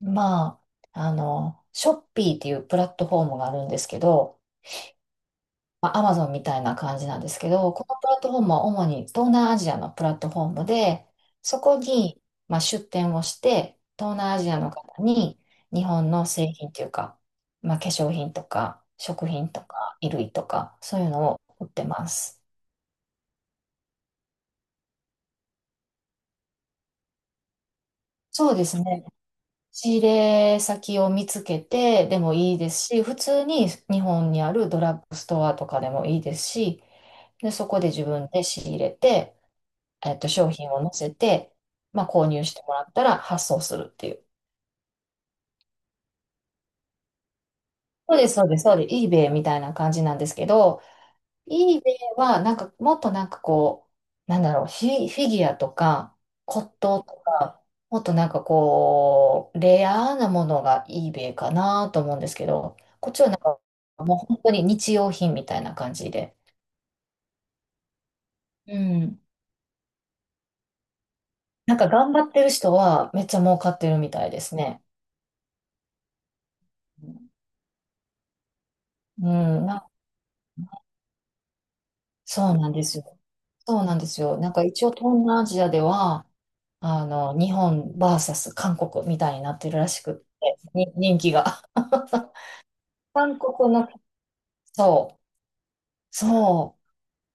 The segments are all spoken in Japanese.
まあ、ショッピーっていうプラットフォームがあるんですけど、まあ、アマゾンみたいな感じなんですけど、このプラットフォームは主に東南アジアのプラットフォームで、そこに、まあ、出店をして、東南アジアの方に日本の製品というか、まあ、化粧品とか、食品とか、衣類とか、そういうのを売ってます。そうですね。仕入れ先を見つけてでもいいですし、普通に日本にあるドラッグストアとかでもいいですし、で、そこで自分で仕入れて、商品を載せて、まあ、購入してもらったら発送するっていう。そうです、そうです、そうです。eBay みたいな感じなんですけど、イーベイは、なんか、もっとなんかこう、なんだろう、フィギュアとか、骨董とか、もっとなんかこう、レアなものがイーベイかなと思うんですけど、こっちはなんか、もう本当に日用品みたいな感じで。うん。なんか頑張ってる人はめっちゃ儲かってるみたいですね。うん、そうなんですよ。そうなんですよ。なんか一応東南アジアでは、日本サス韓国みたいになってるらしくって、に人気が。韓国の、そう、そ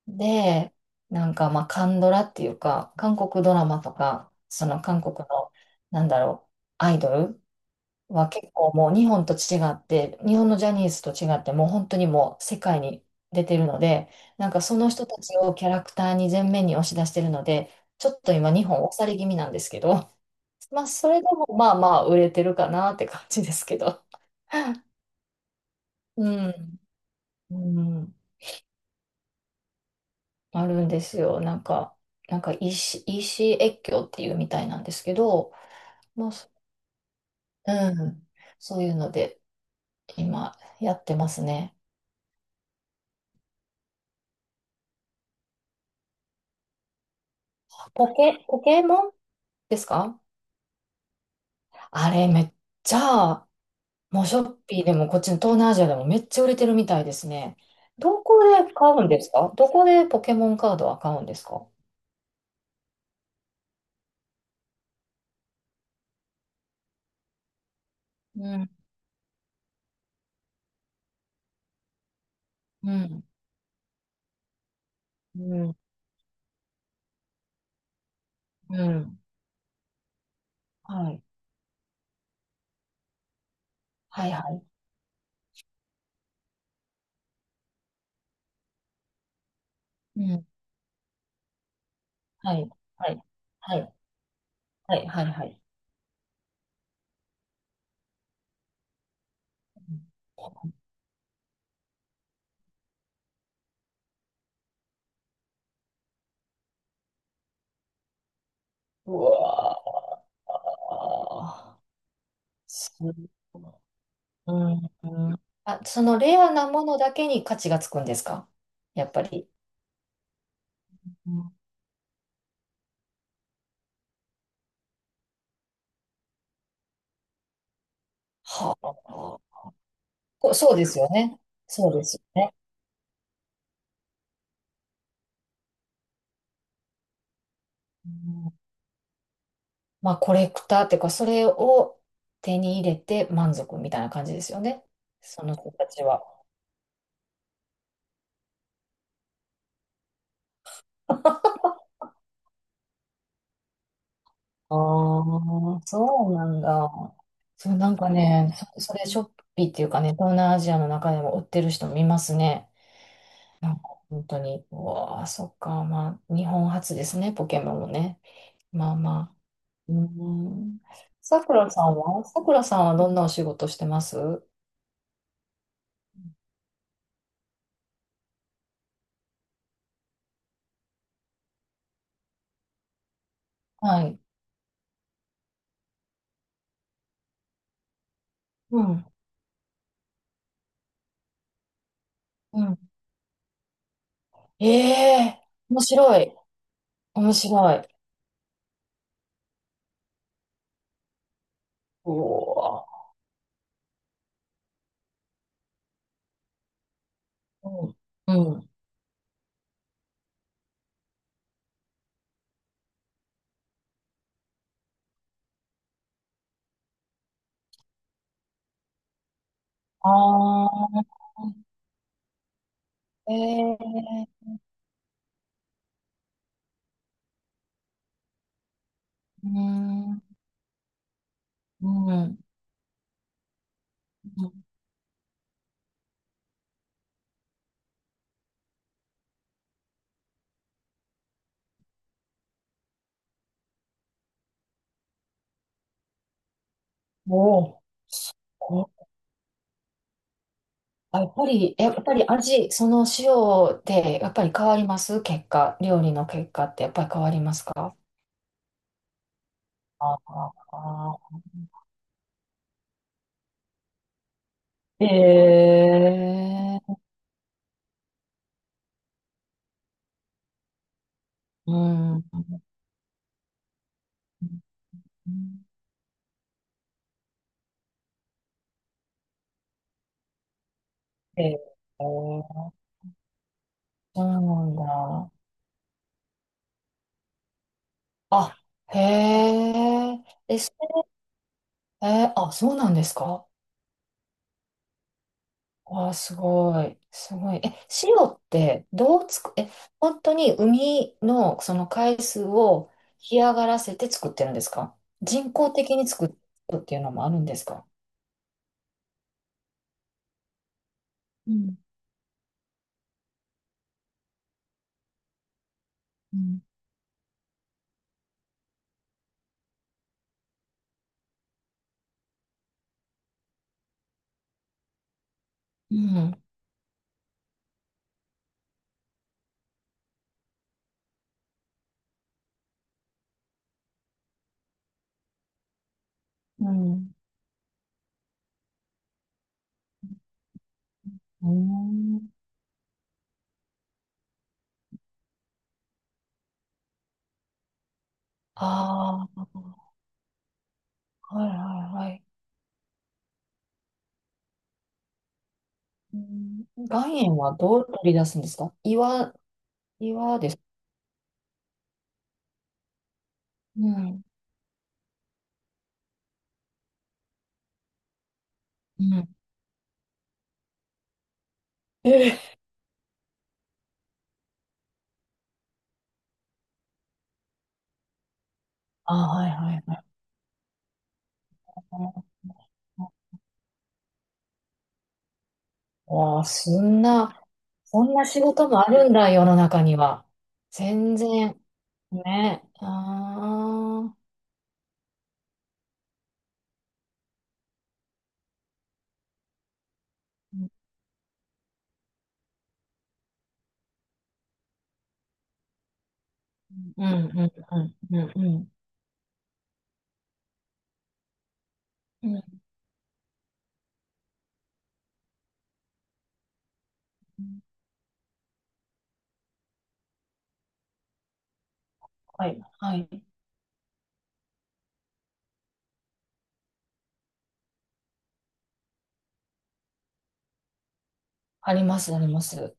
う。で、なんかまあ、韓ドラっていうか、韓国ドラマとか、その韓国の、なんだろう、アイドルは結構もう日本と違って、日本のジャニーズと違って、もう本当にもう世界に出てるので、なんかその人たちをキャラクターに前面に押し出してるので、ちょっと今日本押され気味なんですけど、まあ、それでもまあまあ売れてるかなって感じですけど。うん、うん、あるんですよ。なんか、なんか EC、イーシー越境っていうみたいなんですけど、まあ、そうん、そういうので今やってますね。ポケモンですか？あれめっちゃ、もうショッピーでもこっちの東南アジアでもめっちゃ売れてるみたいですね。どこで買うんですか？どこでポケモンカードは買うんですか？うん、うん、うん、うん。はい。はい、はい。うん。はい。はい。はい。はい。はい。はい。うんうわー、すごい。うん。うん。あ、そのレアなものだけに価値がつくんですか？やっぱり。うんはあ。こそうですよね。そうですよね。うんまあ、コレクターっていうか、それを手に入れて満足みたいな感じですよね。その人たちは。ああ、そうなんだ。そう、なんかね、それショッピーっていうかね、東南アジアの中でも売ってる人見ますね。なんか本当に、うわあ、そっか、まあ、日本初ですね、ポケモンもね。まあまあ。うーん。さくらさんはさくらさんはどんなお仕事してます？はい。うん。うん。ええ面白い。面白い。うおー。うん。うん。ああ。ええー。うーん。うん。おお、そう。あやっぱり、えやっぱり味、その塩で、やっぱり変わります結果、料理の結果ってやっぱり変わりますか？ああ、ええうん。ええそうなんだ。あ、へえ、え、そえーあ、そうなんですか？わあ、すごい。すごい。え、塩ってどうつく、え、本当に海のその海水を干上がらせて作ってるんですか？人工的に作るっていうのもあるんですか？うん、うん。うん。うん。うん。ああー、はいはいはい。うん、岩塩はどう取り出すんですか？岩、岩です。うん。うん。ええ。ああ、はいはいはい。わあ、そんなこんな仕事もあるんだ、世の中には。全然、ね。ああ、うん、うん、うん、うん、うんうん。うんはい、はい。あります、あります。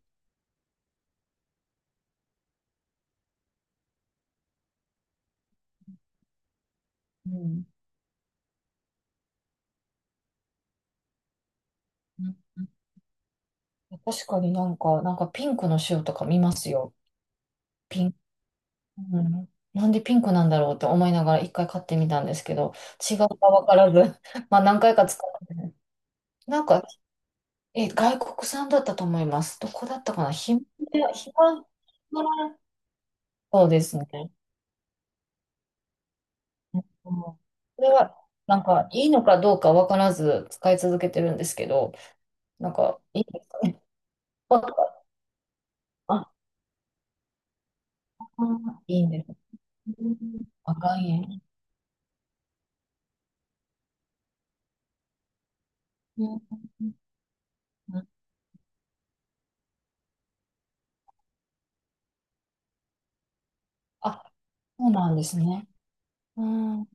うん。うんうん確かになんか、なんかピンクの塩とか見ますよ。ピン、うん。なんでピンクなんだろうって思いながら一回買ってみたんですけど、違うかわからず、まあ何回か使ってね、なんか、え、外国産だったと思います。どこだったかなヒマラヤマそうですね。うんこれは、なんか、いいのかどうかわからず使い続けてるんですけど、なんか、いいですかね。あ、いいんです。赤い円。うんうんあ、そうなんですね。うん。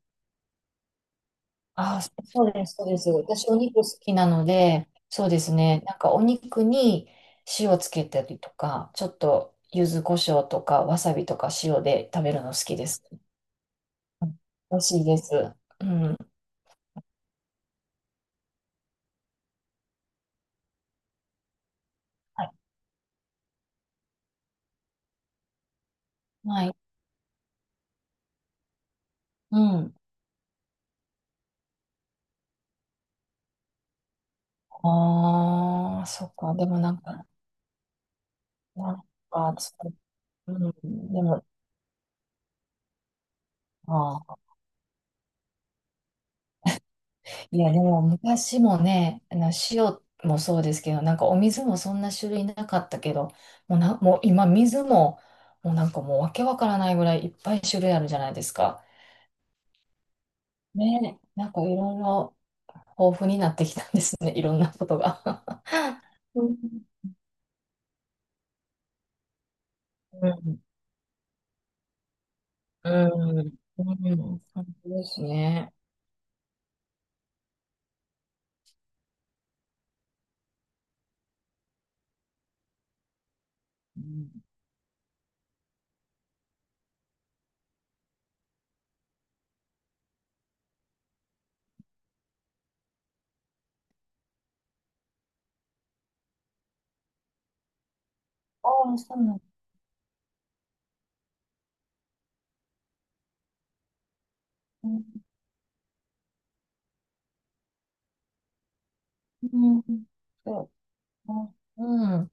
あ、そそうです、そうです。私、お肉好きなので、そうですね。なんか、お肉に塩つけたりとか、ちょっと、柚子胡椒とか、わさびとか塩で食べるの好きです。うん美味しいです。うん。はい。はいうん。ああ、そっか。でもなんか、なんか、つうん。でも、ああ。いや、でも昔もね、あの塩もそうですけど、なんかお水もそんな種類なかったけど、もうもう今水も、もうなんかもうわけわからないぐらいいっぱい種類あるじゃないですか。ね、なんかいろいろ豊富になってきたんですね。いろんなことが。うん。うん。うん。うんそうですね。うんああ、そうなんだ。うん。そう。うん。